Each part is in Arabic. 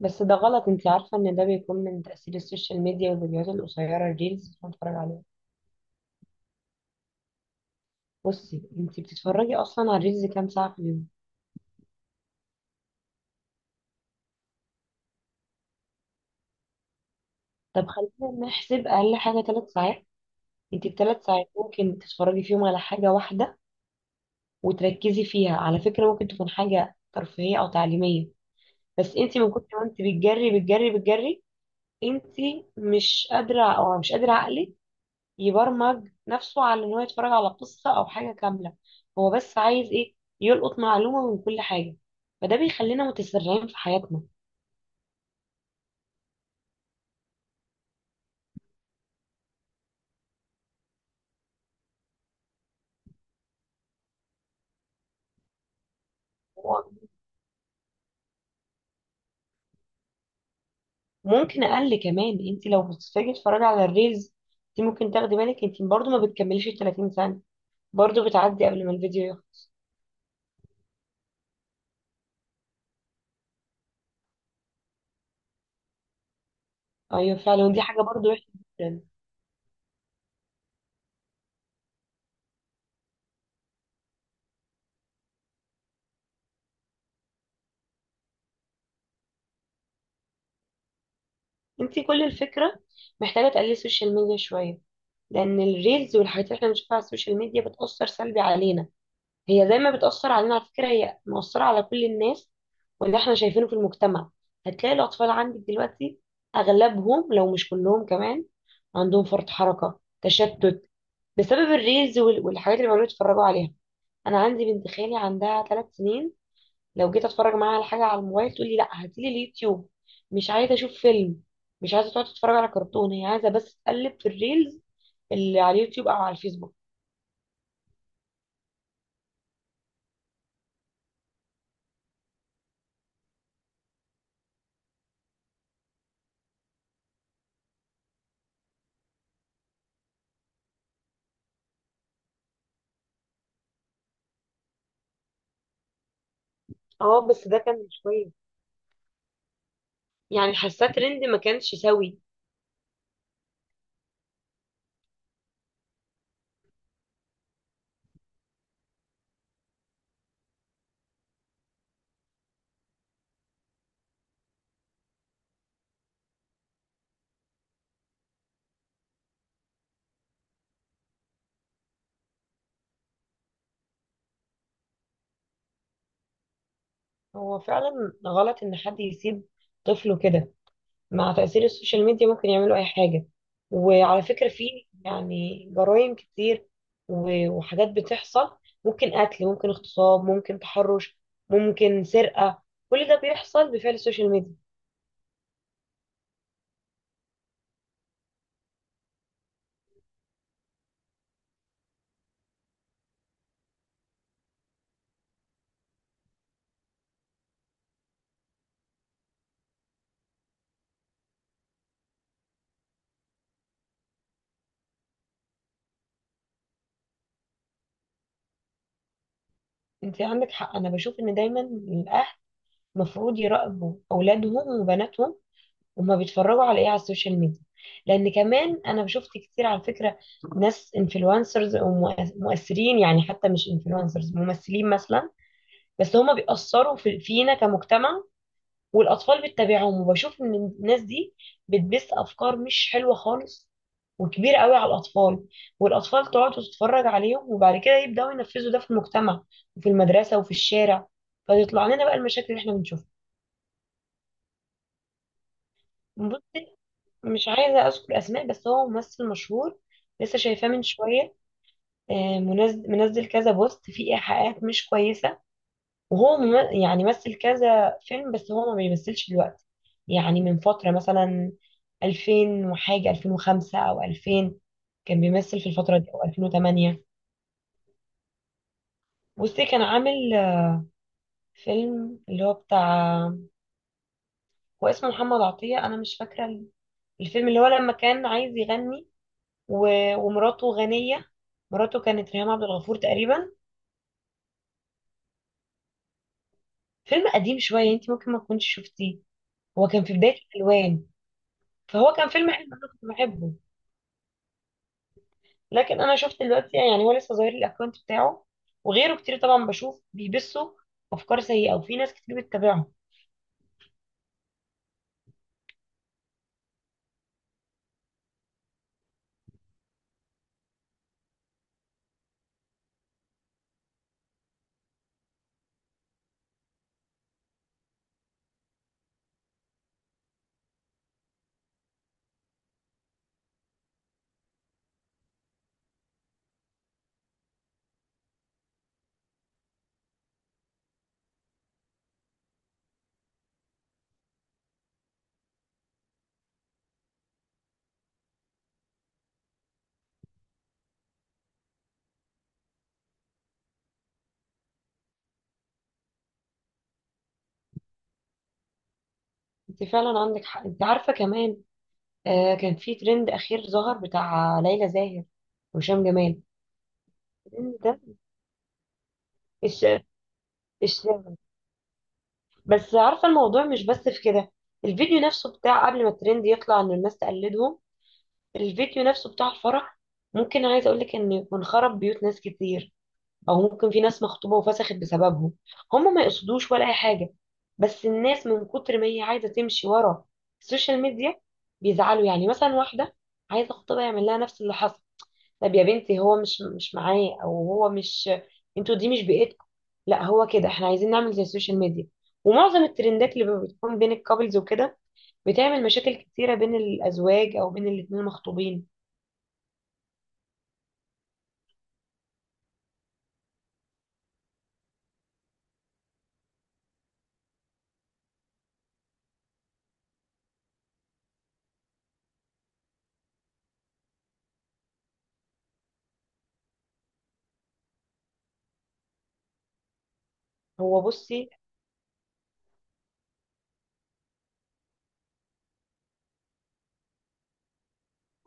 بس ده غلط. انت عارفة ان ده بيكون من تأثير السوشيال ميديا والفيديوهات القصيرة الريلز اللي بنتفرج عليها. بصي، انت بتتفرجي اصلا على الريلز كام ساعة في اليوم؟ طب خلينا نحسب اقل حاجة 3 ساعات. انت ب 3 ساعات ممكن تتفرجي فيهم على حاجة واحدة وتركزي فيها، على فكرة ممكن تكون حاجة ترفيهية او تعليمية. بس انت من كتر ما انت بتجري بتجري بتجري، انت مش قادرة، او مش قادرة عقلك يبرمج نفسه على ان هو يتفرج على قصة او حاجة كاملة. هو بس عايز ايه؟ يلقط معلومة من كل حاجة. فده بيخلينا متسرعين في حياتنا. ممكن اقل كمان، انت لو بتتفاجئي تتفرجي على الريلز، انت ممكن تاخدي بالك انت برضو ما بتكمليش ال 30 ثانية. برضو بتعدي قبل ما الفيديو يخلص. ايوه فعلا، ودي حاجة برضو وحشة جدا. انت كل الفكرة محتاجة تقللي السوشيال ميديا شوية، لان الريلز والحاجات اللي احنا بنشوفها على السوشيال ميديا بتأثر سلبي علينا. هي زي ما بتأثر علينا، على فكرة هي مؤثرة على كل الناس واللي احنا شايفينه في المجتمع. هتلاقي الأطفال عندك دلوقتي أغلبهم لو مش كلهم كمان عندهم فرط حركة تشتت بسبب الريلز والحاجات اللي بيقعدوا يتفرجوا عليها. أنا عندي بنت خالي عندها 3 سنين، لو جيت أتفرج معاها على حاجة على الموبايل تقول لي لا هاتيلي اليوتيوب، مش عايزة أشوف فيلم، مش عايزة تقعد تتفرج على كرتون، هي عايزة بس تقلب في الريلز اللي على اليوتيوب أو على الفيسبوك. اه، بس ده كان مش كويس. يعني حاساه ترند ما كانش سوي. هو فعلا غلط ان حد يسيب طفله كده. مع تأثير السوشيال ميديا ممكن يعملوا اي حاجة. وعلى فكرة في يعني جرائم كتير وحاجات بتحصل. ممكن قتل، ممكن اغتصاب، ممكن تحرش، ممكن سرقة. كل ده بيحصل بفعل السوشيال ميديا. انت عندك حق. انا بشوف ان دايما الاهل المفروض يراقبوا اولادهم وبناتهم، هما بيتفرجوا على ايه على السوشيال ميديا. لان كمان انا شفت كتير على فكره ناس انفلونسرز ومؤثرين، يعني حتى مش انفلونسرز، ممثلين مثلا، بس هما بيأثروا في فينا كمجتمع. والاطفال بتتابعهم، وبشوف ان الناس دي بتبث افكار مش حلوه خالص، وكبيره قوي على الاطفال. والاطفال تقعد وتتفرج عليهم وبعد كده يبداوا ينفذوا ده في المجتمع وفي المدرسه وفي الشارع. فتطلع لنا بقى المشاكل اللي احنا بنشوفها. بص، مش عايزة أذكر أسماء، بس هو ممثل مشهور. لسه شايفاه من شوية. منزل كذا بوست فيه إيحاءات مش كويسة. وهو يعني مثل كذا فيلم، بس هو ما بيمثلش دلوقتي. يعني من فترة، مثلا 2000 وحاجة، 2005 أو 2000 كان بيمثل في الفترة دي، أو 2008. بصي، كان عامل فيلم، اللي هو بتاع، هو اسمه محمد عطية، أنا مش فاكرة الفيلم، اللي هو لما كان عايز يغني ومراته غنية. مراته كانت ريهام عبد الغفور تقريبا. فيلم قديم شوية، انت ممكن ما تكونش شفتيه. هو كان في بداية الألوان. فهو كان فيلم حلو انا كنت بحبه. لكن انا شفت دلوقتي، يعني هو لسه ظاهر لي الاكونت بتاعه، وغيره كتير طبعا، بشوف بيبثوا افكار سيئة، وفي ناس كتير بتتابعه. انت فعلا عندك حق. انت عارفة كمان، آه كان في ترند اخير ظهر بتاع ليلى زاهر وهشام جمال. الترند ده، الش... الش... بس عارفة الموضوع مش بس في كده. الفيديو نفسه بتاع قبل ما الترند يطلع ان الناس تقلدهم، الفيديو نفسه بتاع الفرح، ممكن عايز اقولك ان يكون خرب بيوت ناس كتير، او ممكن في ناس مخطوبة وفسخت بسببهم. هم ما يقصدوش ولا اي حاجة، بس الناس من كتر ما هي عايزة تمشي ورا السوشيال ميديا بيزعلوا. يعني مثلا واحدة عايزة خطيبها يعمل لها نفس اللي حصل. طب يا بنتي هو مش معاه، او هو مش، انتوا دي مش بيئتكم. لا هو كده احنا عايزين نعمل زي السوشيال ميديا. ومعظم الترندات اللي بتكون بين الكابلز وكده بتعمل مشاكل كتيرة بين الازواج او بين الاتنين المخطوبين. هو بصي،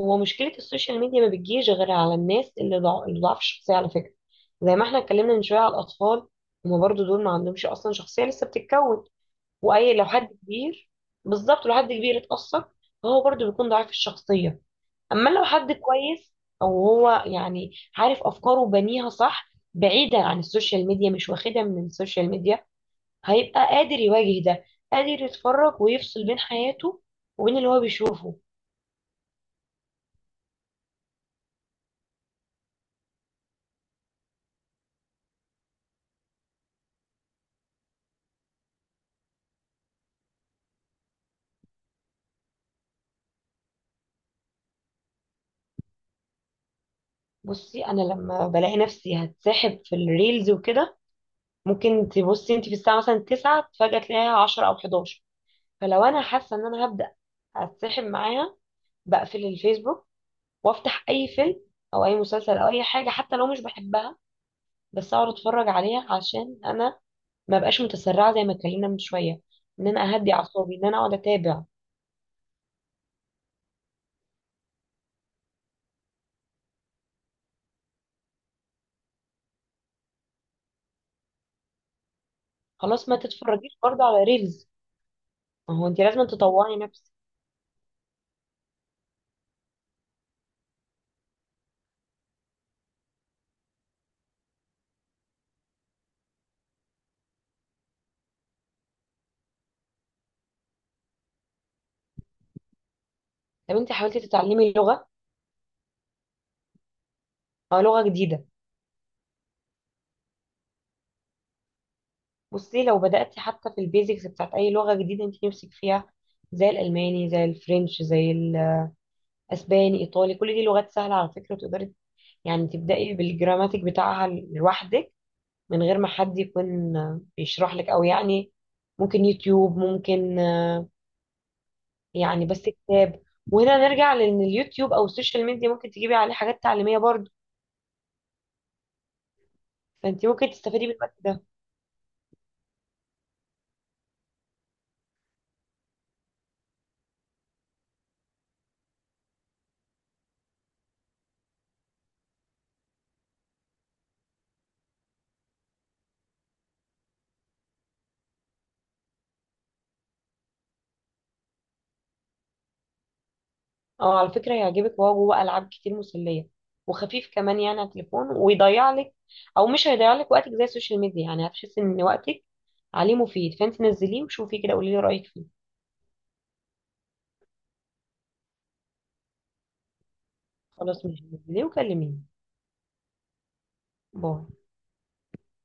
هو مشكلة السوشيال ميديا ما بتجيش غير على الناس اللي اللي ضعف الشخصية، على فكرة. زي ما احنا اتكلمنا من شوية على الاطفال، هما برضو دول ما عندهمش اصلا شخصية، لسه بتتكون. واي لو حد كبير، بالظبط لو حد كبير اتأثر فهو برضو بيكون ضعيف الشخصية. اما لو حد كويس وهو يعني عارف افكاره وبنيها صح بعيدا عن السوشيال ميديا، مش واخدها من السوشيال ميديا، هيبقى قادر يواجه ده، قادر يتفرج ويفصل بين حياته وبين اللي هو بيشوفه. بصي، انا لما بلاقي نفسي هتسحب في الريلز وكده، ممكن تبصي انت في الساعه مثلا 9، فجاه تلاقيها 10 او 11. فلو انا حاسه ان انا هبدا هتسحب معاها، بقفل الفيسبوك وافتح اي فيلم او اي مسلسل او اي حاجه حتى لو مش بحبها، بس اقعد اتفرج عليها عشان انا ما بقاش متسرعه زي ما اتكلمنا من شويه، ان انا اهدي اعصابي، ان انا اقعد اتابع. خلاص ما تتفرجيش برضه على ريلز. ما هو انت لازم تطوعي نفسك. طب انت حاولتي تتعلمي لغه او لغه جديده؟ بصي، لو بداتي حتى في البيزكس بتاعت اي لغه جديده انت نفسك فيها، زي الالماني، زي الفرنش، زي الاسباني، ايطالي، كل دي لغات سهله على فكره. تقدري يعني تبداي بالجراماتيك بتاعها لوحدك، من غير ما حد يكون بيشرح لك، او يعني ممكن يوتيوب، ممكن يعني بس كتاب. وهنا نرجع لان اليوتيوب او السوشيال ميديا ممكن تجيبي عليه حاجات تعليميه برضه. فانت ممكن تستفيدي من الوقت ده. او على فكره هيعجبك، وهو جوه العاب كتير مسليه، وخفيف كمان يعني على التليفون، ويضيع لك، او مش هيضيع لك وقتك زي السوشيال ميديا، يعني هتحسي ان وقتك عليه مفيد. فانت نزليه وشوفي كده، قولي لي رايك فيه. خلاص ماشي، نزليه وكلميني. باي.